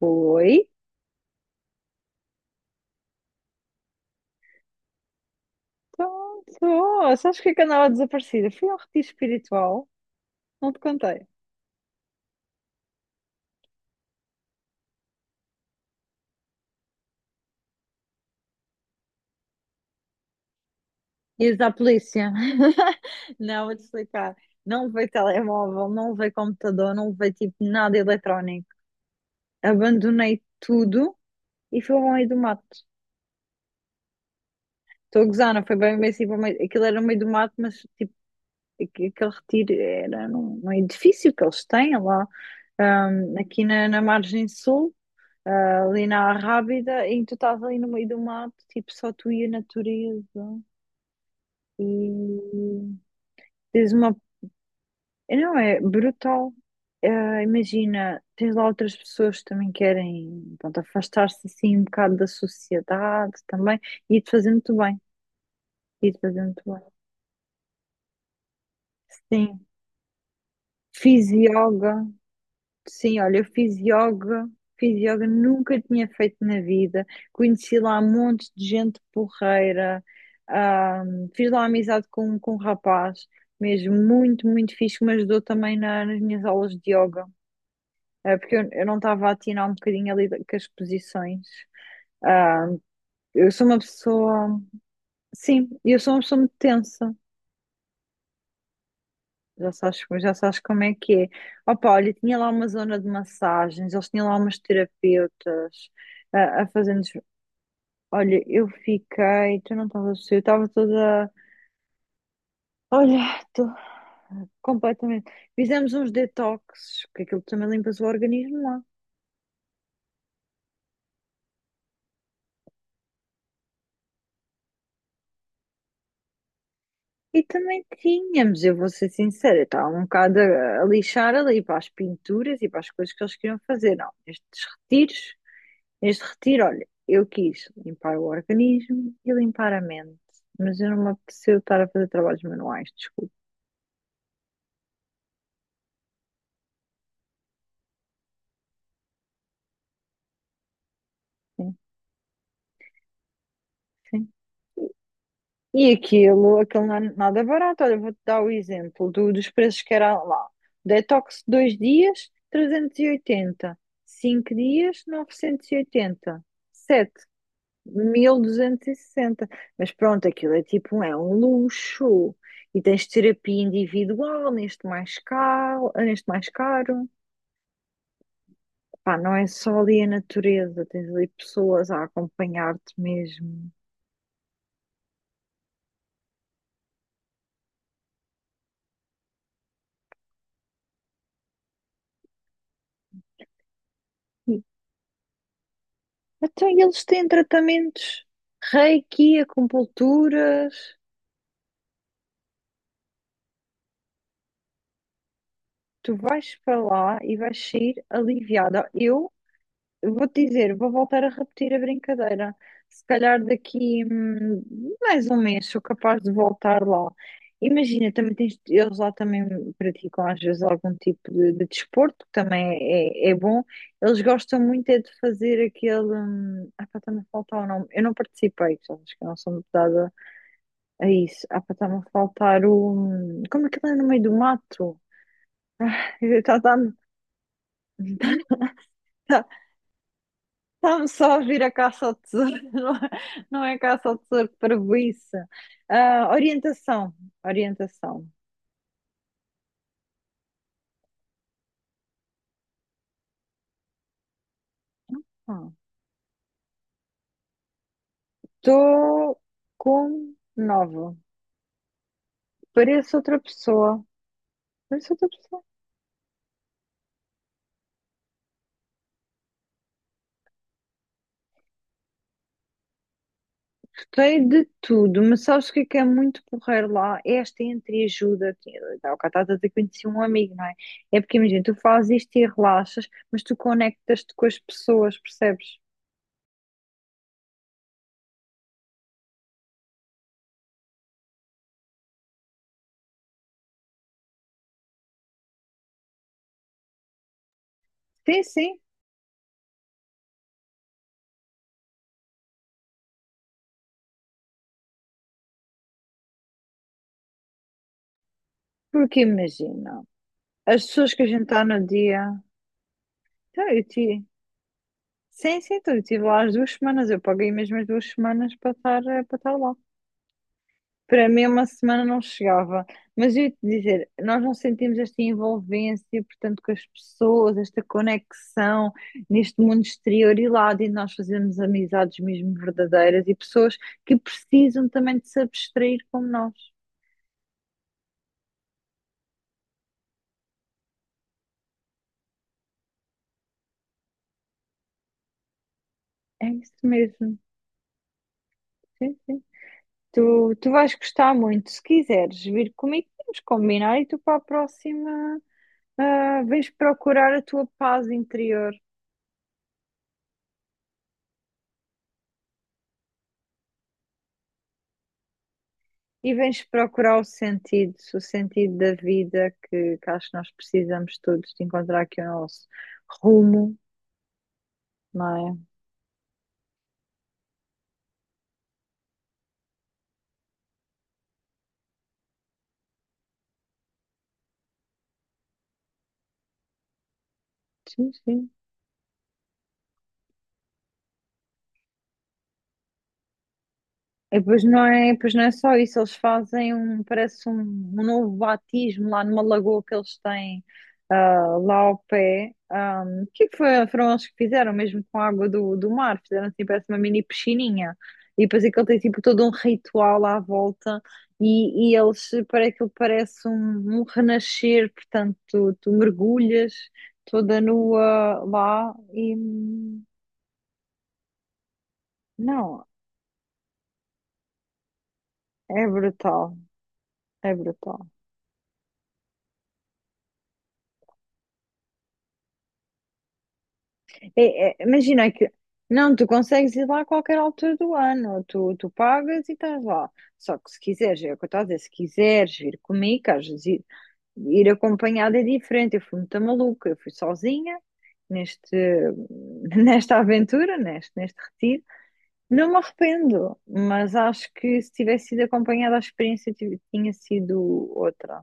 Oi. Então, sou. Sabes o que é que andava desaparecida? Fui ao retiro espiritual, não te contei. Ias à polícia. Não, vou-te explicar. Não levei telemóvel, não levei computador, não levei tipo nada eletrónico. Abandonei tudo e fui ao meio do mato. Estou a gozar, não foi bem, bem assim, para o meio aquilo era no meio do mato, mas tipo, aquele retiro era num edifício que eles têm lá, aqui na margem sul. Ah, ali na Rábida e tu estás ali no meio do mato, tipo, só tu e a natureza. E tens uma. Não, é brutal. Imagina, tens lá outras pessoas que também querem, pronto, afastar-se assim um bocado da sociedade também. E te fazer muito bem. E te fazer muito bem. Sim. Fiz yoga. Sim, olha, eu fiz yoga, nunca tinha feito na vida. Conheci lá um monte de gente porreira, fiz lá amizade com um rapaz, mesmo muito, muito fixe, que me ajudou também nas minhas aulas de yoga, porque eu não estava a atinar um bocadinho com as posições. Ahm, eu sou uma pessoa, sim, eu sou uma pessoa muito tensa. Já sabes como é que é. Opa, olha, tinha lá uma zona de massagens, eles tinham lá umas terapeutas a fazer-nos. Olha, eu fiquei, tu não estavas a perceber, eu estava toda. Olha, estou completamente. Fizemos uns detoxes, porque aquilo também limpas o organismo lá. E também tínhamos, eu vou ser sincera, eu estava um bocado a lixar ali para as pinturas e para as coisas que eles queriam fazer. Não, estes retiros. Neste retiro, olha, eu quis limpar o organismo e limpar a mente, mas eu não me apeteceu estar a fazer trabalhos manuais, desculpe. Sim, sim. E aquilo, aquilo não é nada barato. Olha, vou-te dar o exemplo dos preços que era lá. Detox 2 dias, 380. Cinco dias, 980. 7, 1260. Mas pronto, aquilo é tipo, é um luxo. E tens terapia individual, neste mais caro, neste mais caro. Pá, não é só ali a natureza, tens ali pessoas a acompanhar-te mesmo. E, então, e eles têm tratamentos reiki, acupunturas. Tu vais para lá e vais sair aliviada. Eu vou-te dizer, vou voltar a repetir a brincadeira. Se calhar daqui mais um mês sou capaz de voltar lá. Imagina, também tens, eles lá também praticam às vezes algum tipo de desporto, que também é, é bom. Eles gostam muito é de fazer aquele. Ah, pá, está-me a faltar o nome. Eu não participei, já acho que eu não sou muito dada a isso. Ah, pá, está-me a faltar o. Como é que ele é no meio do mato? Está-me Está-me só a vir a caça ao tesouro, não é, não é caça ao tesouro, que parvoíce. Ah, orientação, orientação. Estou com nova, pareço outra pessoa, pareço outra pessoa. Gostei de tudo, mas sabes o que é muito porreiro lá? É esta entreajuda, tá, o cara está que conheci um amigo, não é? É porque, imagina, tu fazes isto e relaxas, mas tu conectas-te com as pessoas, percebes? Sim, sim, porque imagina, as pessoas que a gente está no dia. Então, eu tive. Sim, sim, então, eu estive lá as duas semanas. Eu paguei mesmo as duas semanas para estar, para estar lá. Para mim, uma semana não chegava. Mas eu ia te dizer, nós não sentimos esta envolvência, portanto, com as pessoas, esta conexão neste mundo exterior e lá dentro nós fazemos amizades mesmo verdadeiras e pessoas que precisam também de se abstrair como nós. É isso mesmo. Sim, sim. Tu, tu vais gostar muito. Se quiseres vir comigo, podemos combinar e tu para a próxima. Ah, vens procurar a tua paz interior e vens procurar o sentido da vida que acho que nós precisamos todos de encontrar aqui o nosso rumo, não é? Sim, sim. E pois não é só isso, eles fazem um, parece um, um novo batismo lá numa lagoa que eles têm ah, lá ao pé. Ah, o que é que foi, foram eles que fizeram, mesmo com a água do mar? Fizeram assim, parece uma mini piscininha. E depois aquilo tem tipo todo um ritual à volta e eles, para aquilo parece um, um renascer, portanto, tu, tu mergulhas toda nua lá e não, é brutal, é brutal. Imagina que não, tu consegues ir lá a qualquer altura do ano, tu, tu pagas e estás lá. Só que se quiseres, é o que eu estou a dizer, se quiseres vir comigo, que às vezes ir, ir acompanhada é diferente. Eu fui muito maluca, eu fui sozinha neste, nesta aventura, neste, neste retiro. Não me arrependo, mas acho que se tivesse sido acompanhada, a experiência tinha sido outra.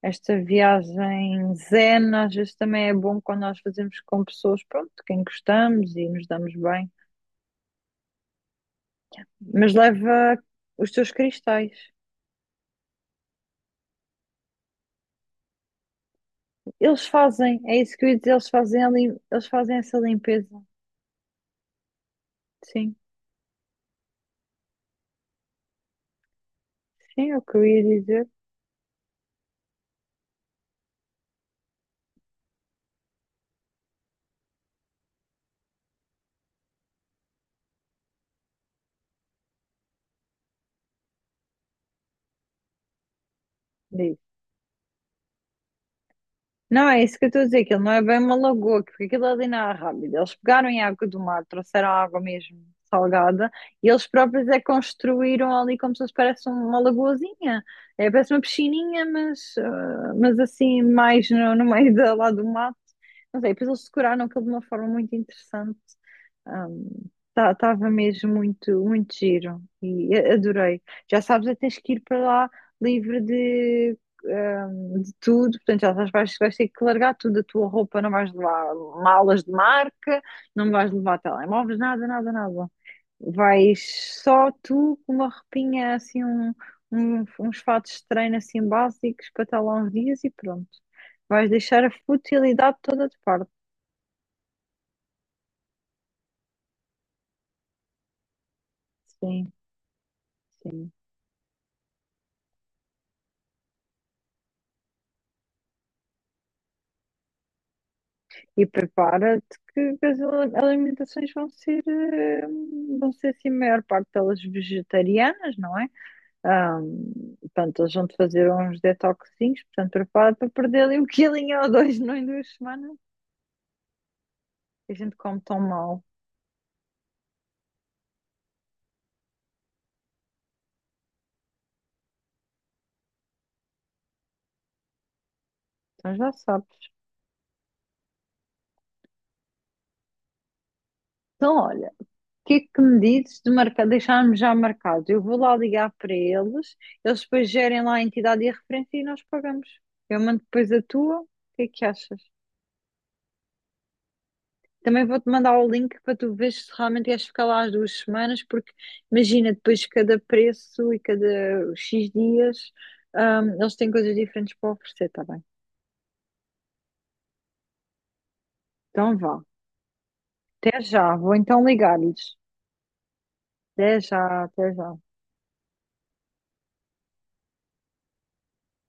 Esta viagem zen às vezes também é bom quando nós fazemos com pessoas, pronto, de quem gostamos e nos damos bem. Mas leva os teus cristais. Eles fazem, é isso que eu ia dizer, eles fazem, eles fazem essa limpeza. Sim, sim, é o que eu ia dizer. Diz. Não, é isso que eu estou a dizer, que ele não é bem uma lagoa, que- porque aquilo é ali não é rápido. Eles pegaram em água do mar, trouxeram água mesmo salgada, e eles próprios é que construíram ali como se fosse parece um, uma lagoazinha. É, parece uma piscininha, mas, ah, mas assim, mais no, no meio da, lá do mato. Não sei, depois eles decoraram aquilo de uma forma muito interessante. Estava mesmo muito, muito giro, adorei. Já sabes, é que tens que ir para lá livre de tudo, portanto, já sabes, vais, vais ter que largar tudo a tua roupa, não vais levar malas de marca, não vais levar telemóveis, nada, nada, nada. Vais só tu com uma roupinha assim, um, uns fatos de treino assim básicos para estar lá uns dias e pronto. Vais deixar a futilidade toda de parte. Sim, sim. E prepara-te que as alimentações vão ser, vão ser assim, a maior parte delas vegetarianas, não é? Portanto, eles vão te fazer uns detoxinhos, portanto, prepara para perder ali um quilinho ou dois não em duas semanas. A gente come tão mal, então já sabes. Então, olha, o que é que me dizes de marcar, deixarmos já marcado? Eu vou lá ligar para eles, eles depois gerem lá a entidade e a referência e nós pagamos. Eu mando depois a tua, o que é que achas? Também vou-te mandar o link para tu veres se realmente queres ficar lá as duas semanas, porque imagina, depois cada preço e cada X dias, eles têm coisas diferentes para oferecer, tá bem? Então vá. Até já, vou então ligar-lhes. Até já, até já.